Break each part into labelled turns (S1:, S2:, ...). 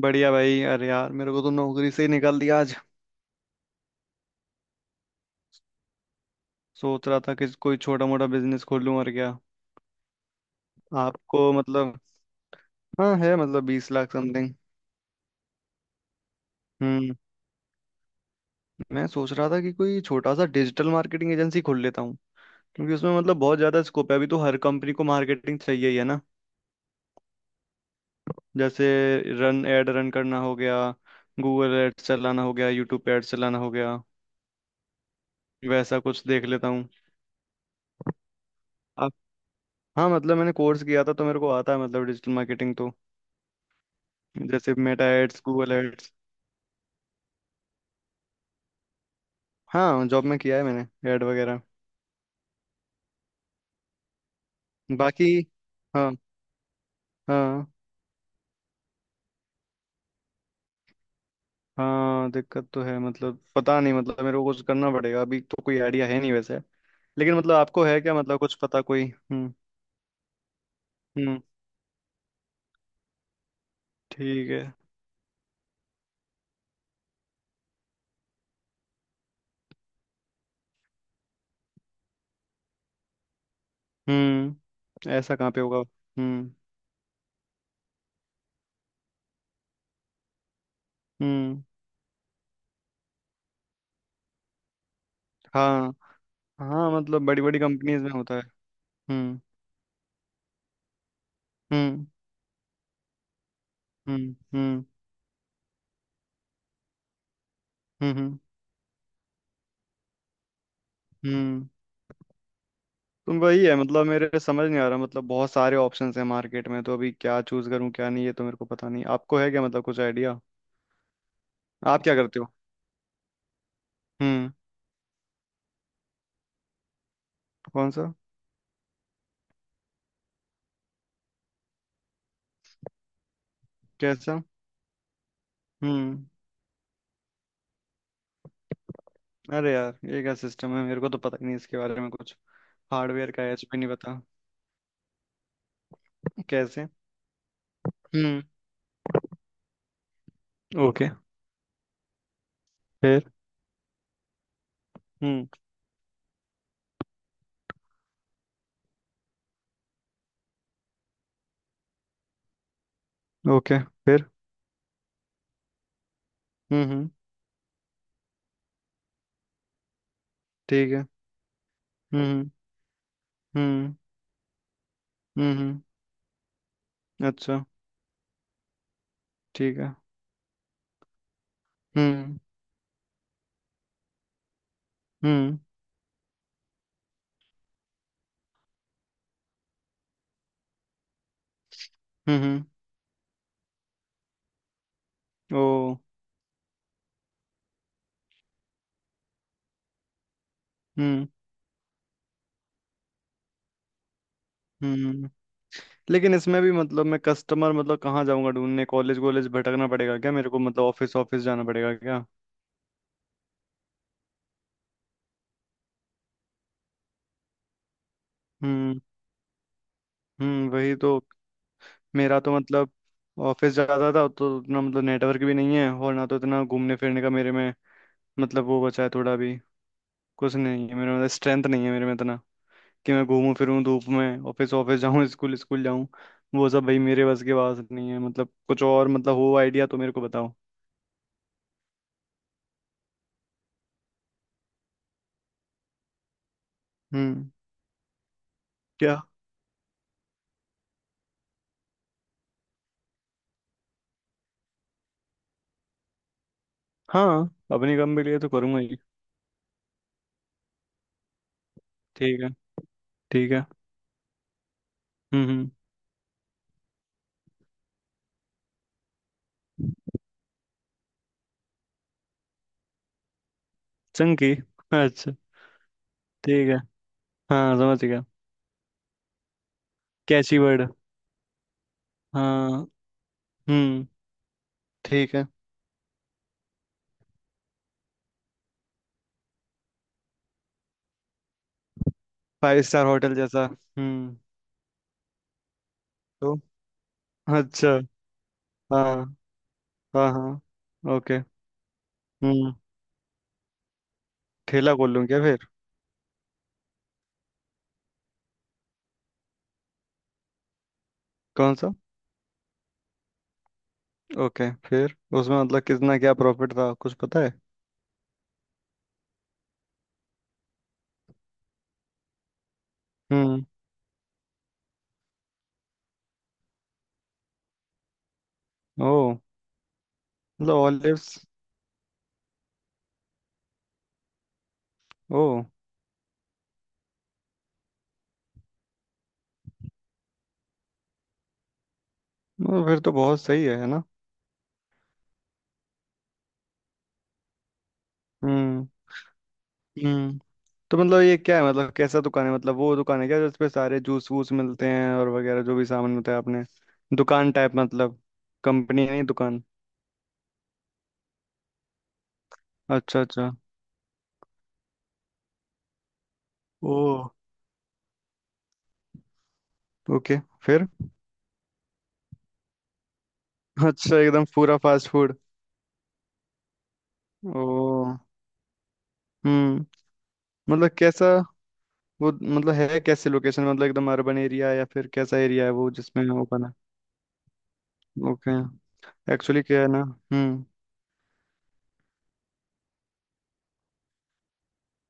S1: बढ़िया भाई। अरे यार, मेरे को तो नौकरी से ही निकाल दिया आज। सोच रहा था कि कोई छोटा मोटा बिजनेस खोल लूं और क्या। आपको मतलब। हाँ है, मतलब 20 लाख समथिंग। हम्म। मैं सोच रहा था कि कोई छोटा सा डिजिटल मार्केटिंग एजेंसी खोल लेता हूँ। क्योंकि उसमें मतलब बहुत ज्यादा स्कोप है अभी, तो हर कंपनी को मार्केटिंग चाहिए ही है ना। जैसे रन एड रन करना हो गया, गूगल एड्स चलाना हो गया, यूट्यूब पे एड्स चलाना हो गया, वैसा कुछ देख लेता हूँ। आप। हाँ, मतलब मैंने कोर्स किया था, तो मेरे को आता है मतलब डिजिटल मार्केटिंग, तो जैसे मेटा एड्स, गूगल एड्स। हाँ, जॉब में किया है मैंने, ऐड वगैरह। बाकी। हाँ हाँ। हाँ, दिक्कत तो है, मतलब पता नहीं, मतलब मेरे को कुछ करना पड़ेगा अभी, तो कोई आइडिया है नहीं वैसे। लेकिन मतलब आपको है क्या, मतलब कुछ पता कोई? हम्म, ठीक है। ऐसा कहाँ पे होगा? हम्म। हम्म। हाँ। हाँ, मतलब बड़ी बड़ी कंपनीज में होता है। हम्म। हम्म। हम्म। हम्म। हम्म। हम्म। हम्म। तो वही है, मतलब मेरे समझ नहीं आ रहा, मतलब बहुत सारे ऑप्शंस हैं मार्केट में, तो अभी क्या चूज करूं क्या नहीं ये तो मेरे को पता नहीं। आपको है क्या मतलब कुछ आइडिया? आप क्या करते हो? हम्म। कौन सा? कैसा? हम्म अरे यार ये क्या सिस्टम है, मेरे को तो पता ही नहीं इसके बारे में कुछ। हार्डवेयर का एच भी नहीं पता। कैसे? हम्म। ओके। फिर? हम्म। ओके। फिर? हम्म। हम्म। ठीक है। हम्म। हम्म। हम्म। अच्छा। ठीक है। हम्म। हम्म। हम्म। ओ। हम्म। हम्म। लेकिन इसमें भी मतलब मैं कस्टमर मतलब कहाँ जाऊंगा ढूंढने? कॉलेज वॉलेज भटकना पड़ेगा क्या मेरे को, मतलब ऑफिस ऑफिस जाना पड़ेगा क्या? हम्म। हम्म, वही तो। मेरा तो मतलब ऑफिस जाता था, तो उतना मतलब नेटवर्क भी नहीं है, और ना तो इतना घूमने फिरने का मेरे में मतलब वो बचा है थोड़ा भी। कुछ नहीं है मेरे में, मतलब स्ट्रेंथ नहीं है मेरे में इतना कि मैं घूमूं फिरूं धूप में, ऑफिस ऑफिस जाऊं, स्कूल स्कूल जाऊं। वो सब भाई मेरे बस के पास नहीं है। मतलब कुछ और मतलब हो आइडिया तो मेरे को बताओ। हम्म। क्या? हाँ। अपनी कंपनी के लिए तो करूंगा ही। ठीक है। ठीक है। हम्म। हम्म। चंकी? अच्छा। ठीक है। हाँ, समझ गया। कैची वर्ड। हाँ। हम्म। ठीक है। फाइव स्टार होटल जैसा? हम्म। तो? अच्छा। हाँ। हाँ हाँ, ओके। हम्म। ठेला खोल लूँ क्या फिर? कौन सा? ओके। फिर उसमें मतलब कितना क्या प्रॉफिट था कुछ पता है? हम्म। ओ। मतलब ऑलिव्स? ओ। ओ, फिर तो बहुत सही है ना। हम्म। हम्म। तो मतलब ये क्या है, मतलब कैसा दुकान है, मतलब वो दुकान है क्या जिसपे सारे जूस वूस मिलते हैं और वगैरह जो भी सामान मिलता है आपने? दुकान टाइप मतलब, कंपनी नहीं दुकान। अच्छा अच्छा। ओ। ओके। फिर? अच्छा, एकदम पूरा फास्ट फूड? ओ। हम्म। मतलब कैसा? वो मतलब है कैसे लोकेशन, मतलब एकदम अर्बन एरिया या फिर कैसा एरिया है वो जिसमें वो बना? ओके। एक्चुअली क्या है ना। हम्म।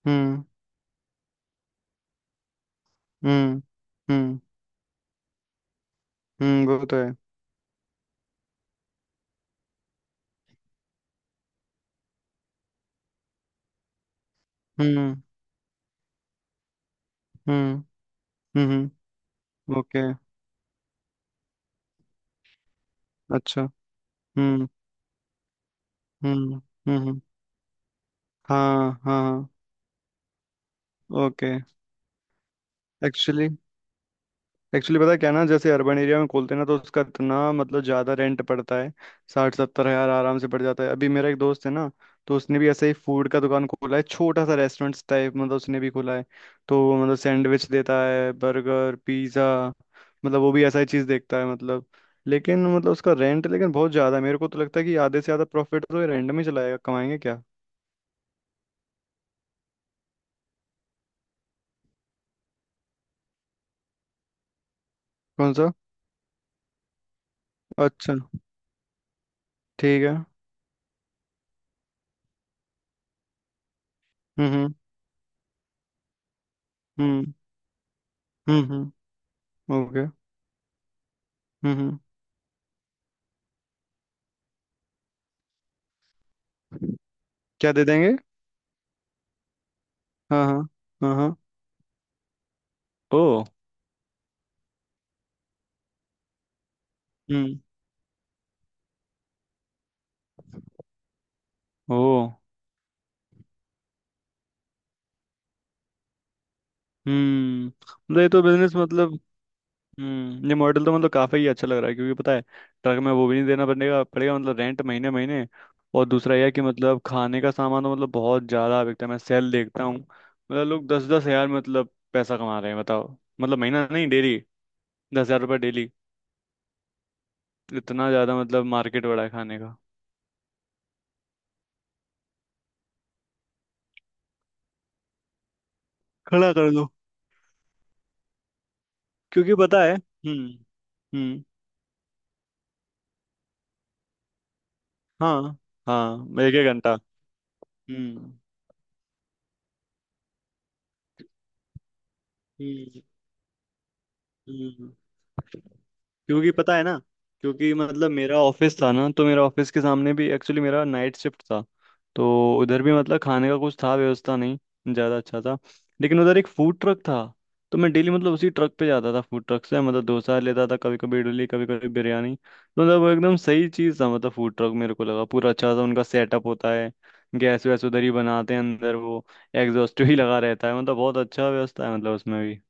S1: हम्म। हम्म। हम्म। हम्म, वो तो है। हम्म। हम्म। हम्म। ओके। अच्छा। हम्म। हम्म। हम्म। हाँ हाँ, ओके। एक्चुअली, एक्चुअली पता है क्या ना, जैसे अर्बन एरिया में खोलते हैं ना तो उसका इतना मतलब ज्यादा रेंट पड़ता है। 60-70 हज़ार आराम से पड़ जाता है। अभी मेरा एक दोस्त है ना, तो उसने भी ऐसे ही फूड का दुकान खोला है, छोटा सा रेस्टोरेंट टाइप, मतलब उसने भी खोला है। तो वो मतलब सैंडविच देता है, बर्गर, पिज्जा, मतलब वो भी ऐसा ही चीज देखता है मतलब। लेकिन मतलब उसका रेंट लेकिन बहुत ज्यादा है। मेरे को तो लगता है कि आधे से ज्यादा प्रॉफिट तो रेंट में ही चलाएगा, कमाएंगे क्या? कौन सा? अच्छा। ठीक है। हम्म। हम्म। हम्म। ओके। हम्म। हम्म। क्या दे देंगे? हाँ हाँ। हाँ हाँ। ओ। हम्म। ओ। हम्म, मतलब ये तो बिजनेस मतलब। हम्म, ये मॉडल तो मतलब काफ़ी ही अच्छा लग रहा है, क्योंकि पता है ट्रक में वो भी नहीं देना पड़ेगा पड़ेगा मतलब रेंट महीने महीने। और दूसरा यह है कि मतलब खाने का सामान तो मतलब बहुत ज़्यादा बिकता है। मैं सेल देखता हूँ, मतलब लोग 10-10 हज़ार मतलब पैसा कमा रहे हैं बताओ, मतलब महीना नहीं डेली। 10 हज़ार रुपये डेली। इतना ज़्यादा, मतलब मार्केट बड़ा है खाने का। खड़ा कर। क्योंकि पता है। हम्म। हम्म। हाँ। हाँ, एक एक घंटा। हम्म। हम्म। हम्म। क्योंकि पता है ना, क्योंकि मतलब मेरा ऑफिस था ना, तो मेरा ऑफिस के सामने भी, एक्चुअली मेरा नाइट शिफ्ट था, तो उधर भी मतलब खाने का कुछ था व्यवस्था नहीं ज़्यादा अच्छा था। लेकिन उधर एक फूड ट्रक था। तो मैं डेली मतलब उसी ट्रक पे जाता था, फूड ट्रक से मतलब डोसा लेता था कभी कभी, इडली कभी कभी, बिरयानी। तो मतलब वो एकदम सही चीज़ था, मतलब फूड ट्रक मेरे को लगा पूरा अच्छा सा उनका सेटअप होता है। गैस वैस उधर ही बनाते हैं अंदर वो, एग्जॉस्ट भी लगा रहता है, मतलब बहुत अच्छा व्यवस्था है मतलब उसमें भी।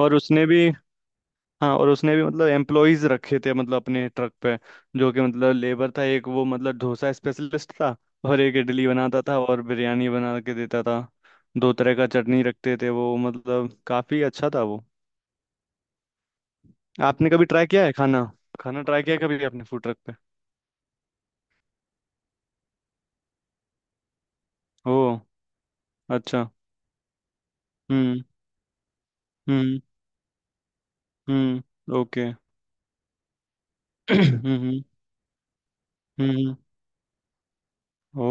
S1: और उसने भी, हाँ और उसने भी मतलब एम्प्लॉयज रखे थे, मतलब अपने ट्रक पे, जो कि मतलब लेबर था एक, वो मतलब डोसा स्पेशलिस्ट था, और एक इडली बनाता था और बिरयानी बना के देता था। दो तरह का चटनी रखते थे वो, मतलब काफी अच्छा था वो। आपने कभी ट्राई किया है खाना? खाना ट्राई किया है कभी आपने फूड ट्रक पे? ओ। अच्छा। हम्म। हम्म। हम्म। ओके। हम्म। हम्म। ओ।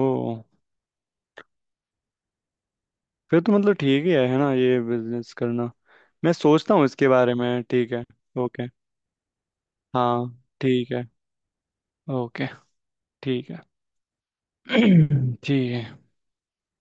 S1: फिर तो मतलब ठीक ही है ना ये बिजनेस करना। मैं सोचता हूँ इसके बारे में, ठीक है। ओके। हाँ। ठीक है। ओके। ठीक है। ठीक है।